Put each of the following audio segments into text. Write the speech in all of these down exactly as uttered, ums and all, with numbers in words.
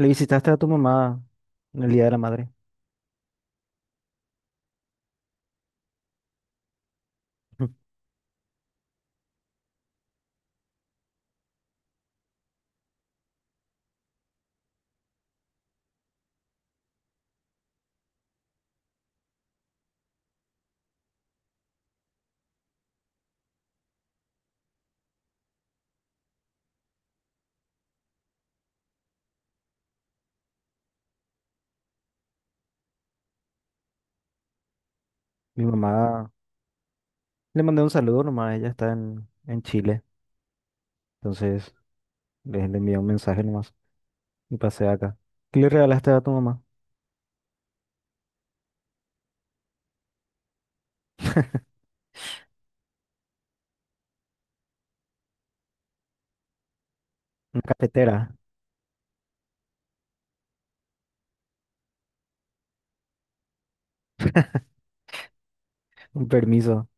Le visitaste a tu mamá en el Día de la Madre. Mi mamá, le mandé un saludo nomás, ella está en, en Chile. Entonces le, le envié un mensaje nomás y pasé acá. ¿Qué le regalaste a tu mamá? Una cafetera, un permiso.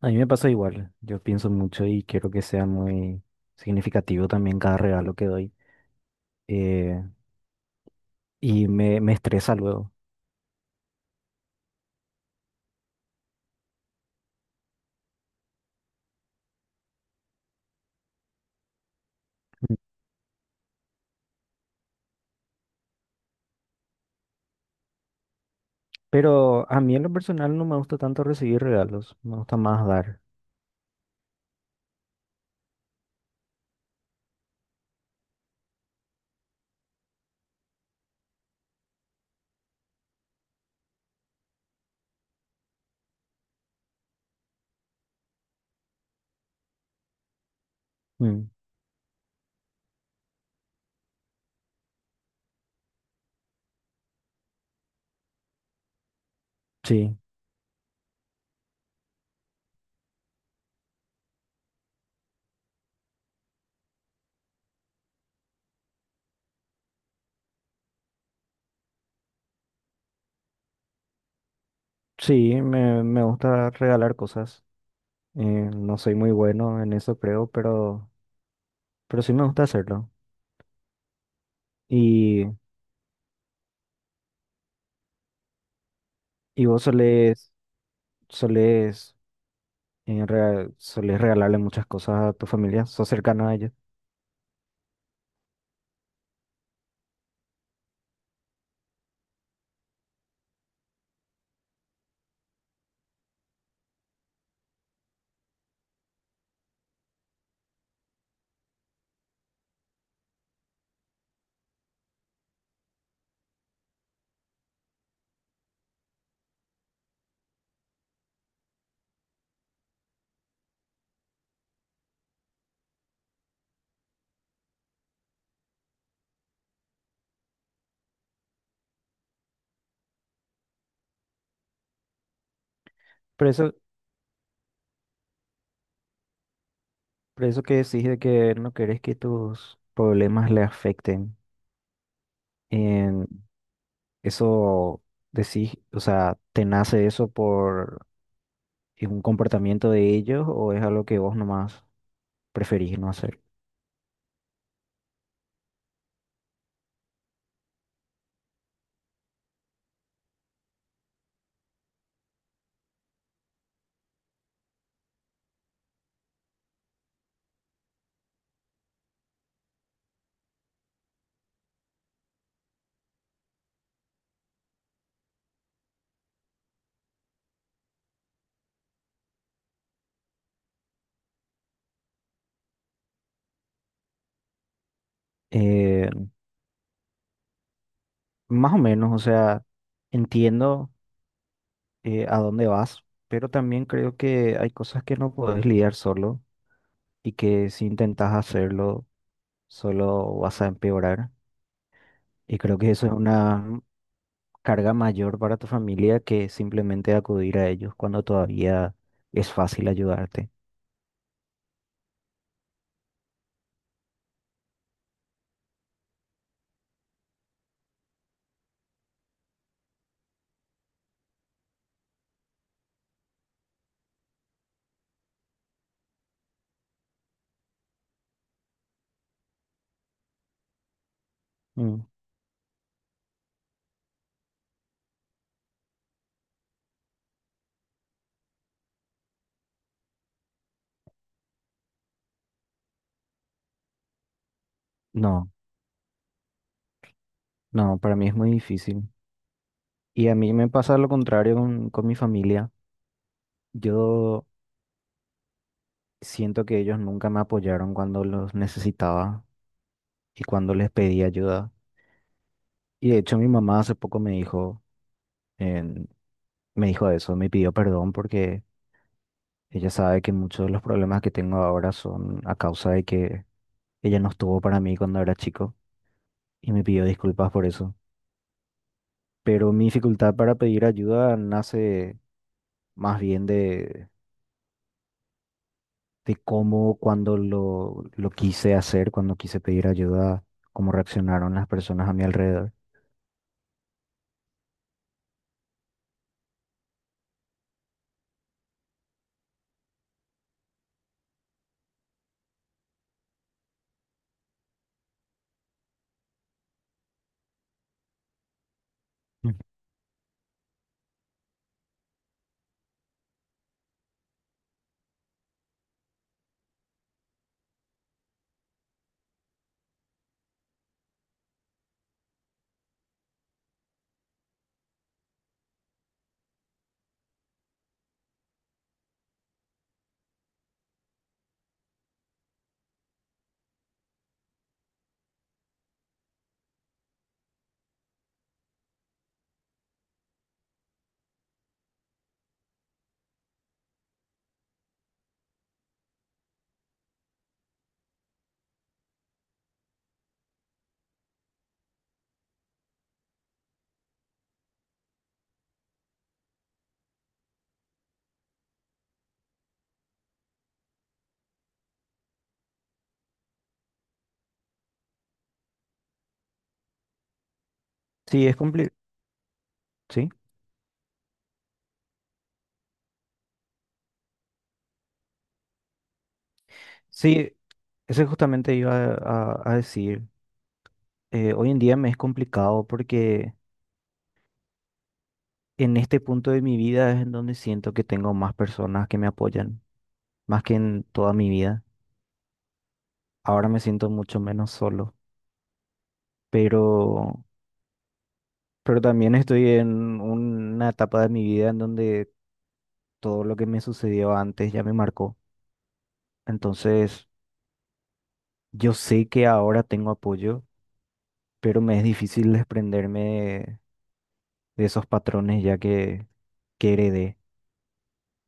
A mí me pasa igual, yo pienso mucho y quiero que sea muy significativo también cada regalo que doy. eh, y me, Me estresa luego. Mm. Pero a mí en lo personal no me gusta tanto recibir regalos, me gusta más dar. Mm, sí, sí, me, me gusta regalar cosas. Eh, no soy muy bueno en eso, creo, pero, pero sí me gusta hacerlo. ¿Y, y vos solés, solés, eh, rea- solés regalarle muchas cosas a tu familia? ¿Sos cercano a ellos? Por eso, por eso que decís de que no querés que tus problemas le afecten. En eso decís, o sea, ¿te nace eso por un comportamiento de ellos o es algo que vos nomás preferís no hacer? Eh, Más o menos, o sea, entiendo eh, a dónde vas, pero también creo que hay cosas que no puedes lidiar solo y que si intentas hacerlo, solo vas a empeorar. Y creo que eso es una carga mayor para tu familia que simplemente acudir a ellos cuando todavía es fácil ayudarte. Mm. No, no, para mí es muy difícil. Y a mí me pasa lo contrario con, con mi familia. Yo siento que ellos nunca me apoyaron cuando los necesitaba y cuando les pedí ayuda. Y de hecho mi mamá hace poco me dijo, en- me dijo eso, me pidió perdón porque ella sabe que muchos de los problemas que tengo ahora son a causa de que ella no estuvo para mí cuando era chico y me pidió disculpas por eso. Pero mi dificultad para pedir ayuda nace más bien de, de cómo cuando lo, lo quise hacer, cuando quise pedir ayuda, cómo reaccionaron las personas a mi alrededor. Mm. Sí, es cumplir, sí. Sí, eso justamente iba a, a a decir. Eh, hoy en día me es complicado porque en este punto de mi vida es en donde siento que tengo más personas que me apoyan, más que en toda mi vida. Ahora me siento mucho menos solo, pero, pero también estoy en una etapa de mi vida en donde todo lo que me sucedió antes ya me marcó. Entonces, yo sé que ahora tengo apoyo, pero me es difícil desprenderme de, de esos patrones ya que, que heredé.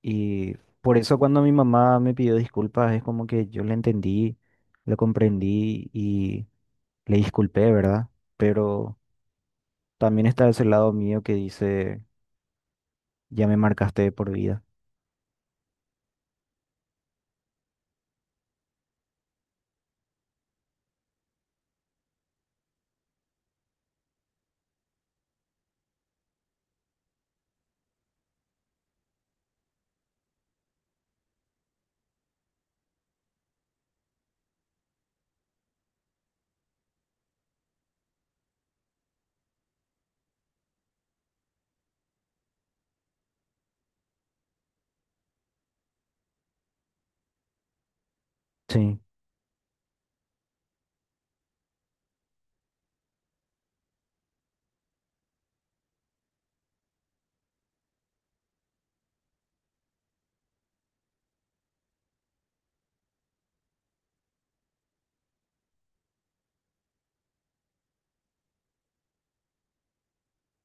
Y por eso cuando mi mamá me pidió disculpas, es como que yo le entendí, lo comprendí y le disculpé, ¿verdad? Pero también está ese lado mío que dice, ya me marcaste de por vida. Sí,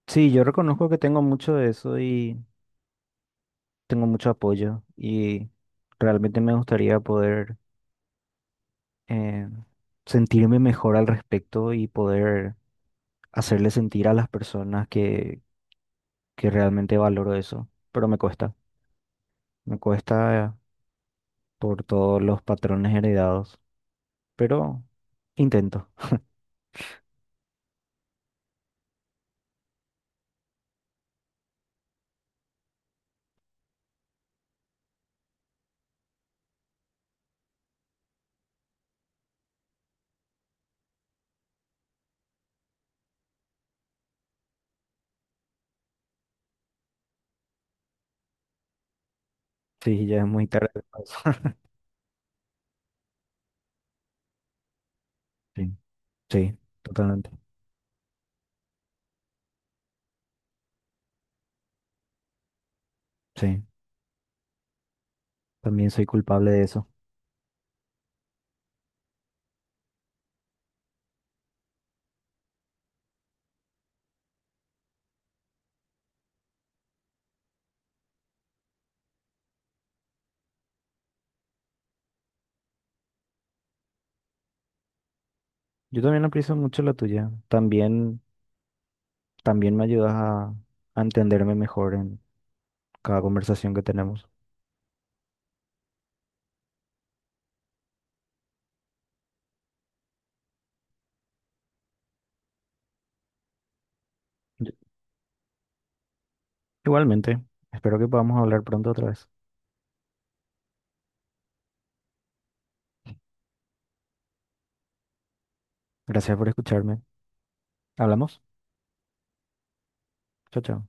sí, yo reconozco que tengo mucho de eso y tengo mucho apoyo y realmente me gustaría poder eh, sentirme mejor al respecto y poder hacerle sentir a las personas que, que realmente valoro eso, pero me cuesta, me cuesta por todos los patrones heredados, pero intento. Sí, ya es muy tarde para eso. Sí, sí, totalmente. Sí, también soy culpable de eso. Yo también aprecio mucho la tuya. También, también me ayudas a, a entenderme mejor en cada conversación que tenemos. Yo- Igualmente, espero que podamos hablar pronto otra vez. Gracias por escucharme. Hablamos. Chao, chao.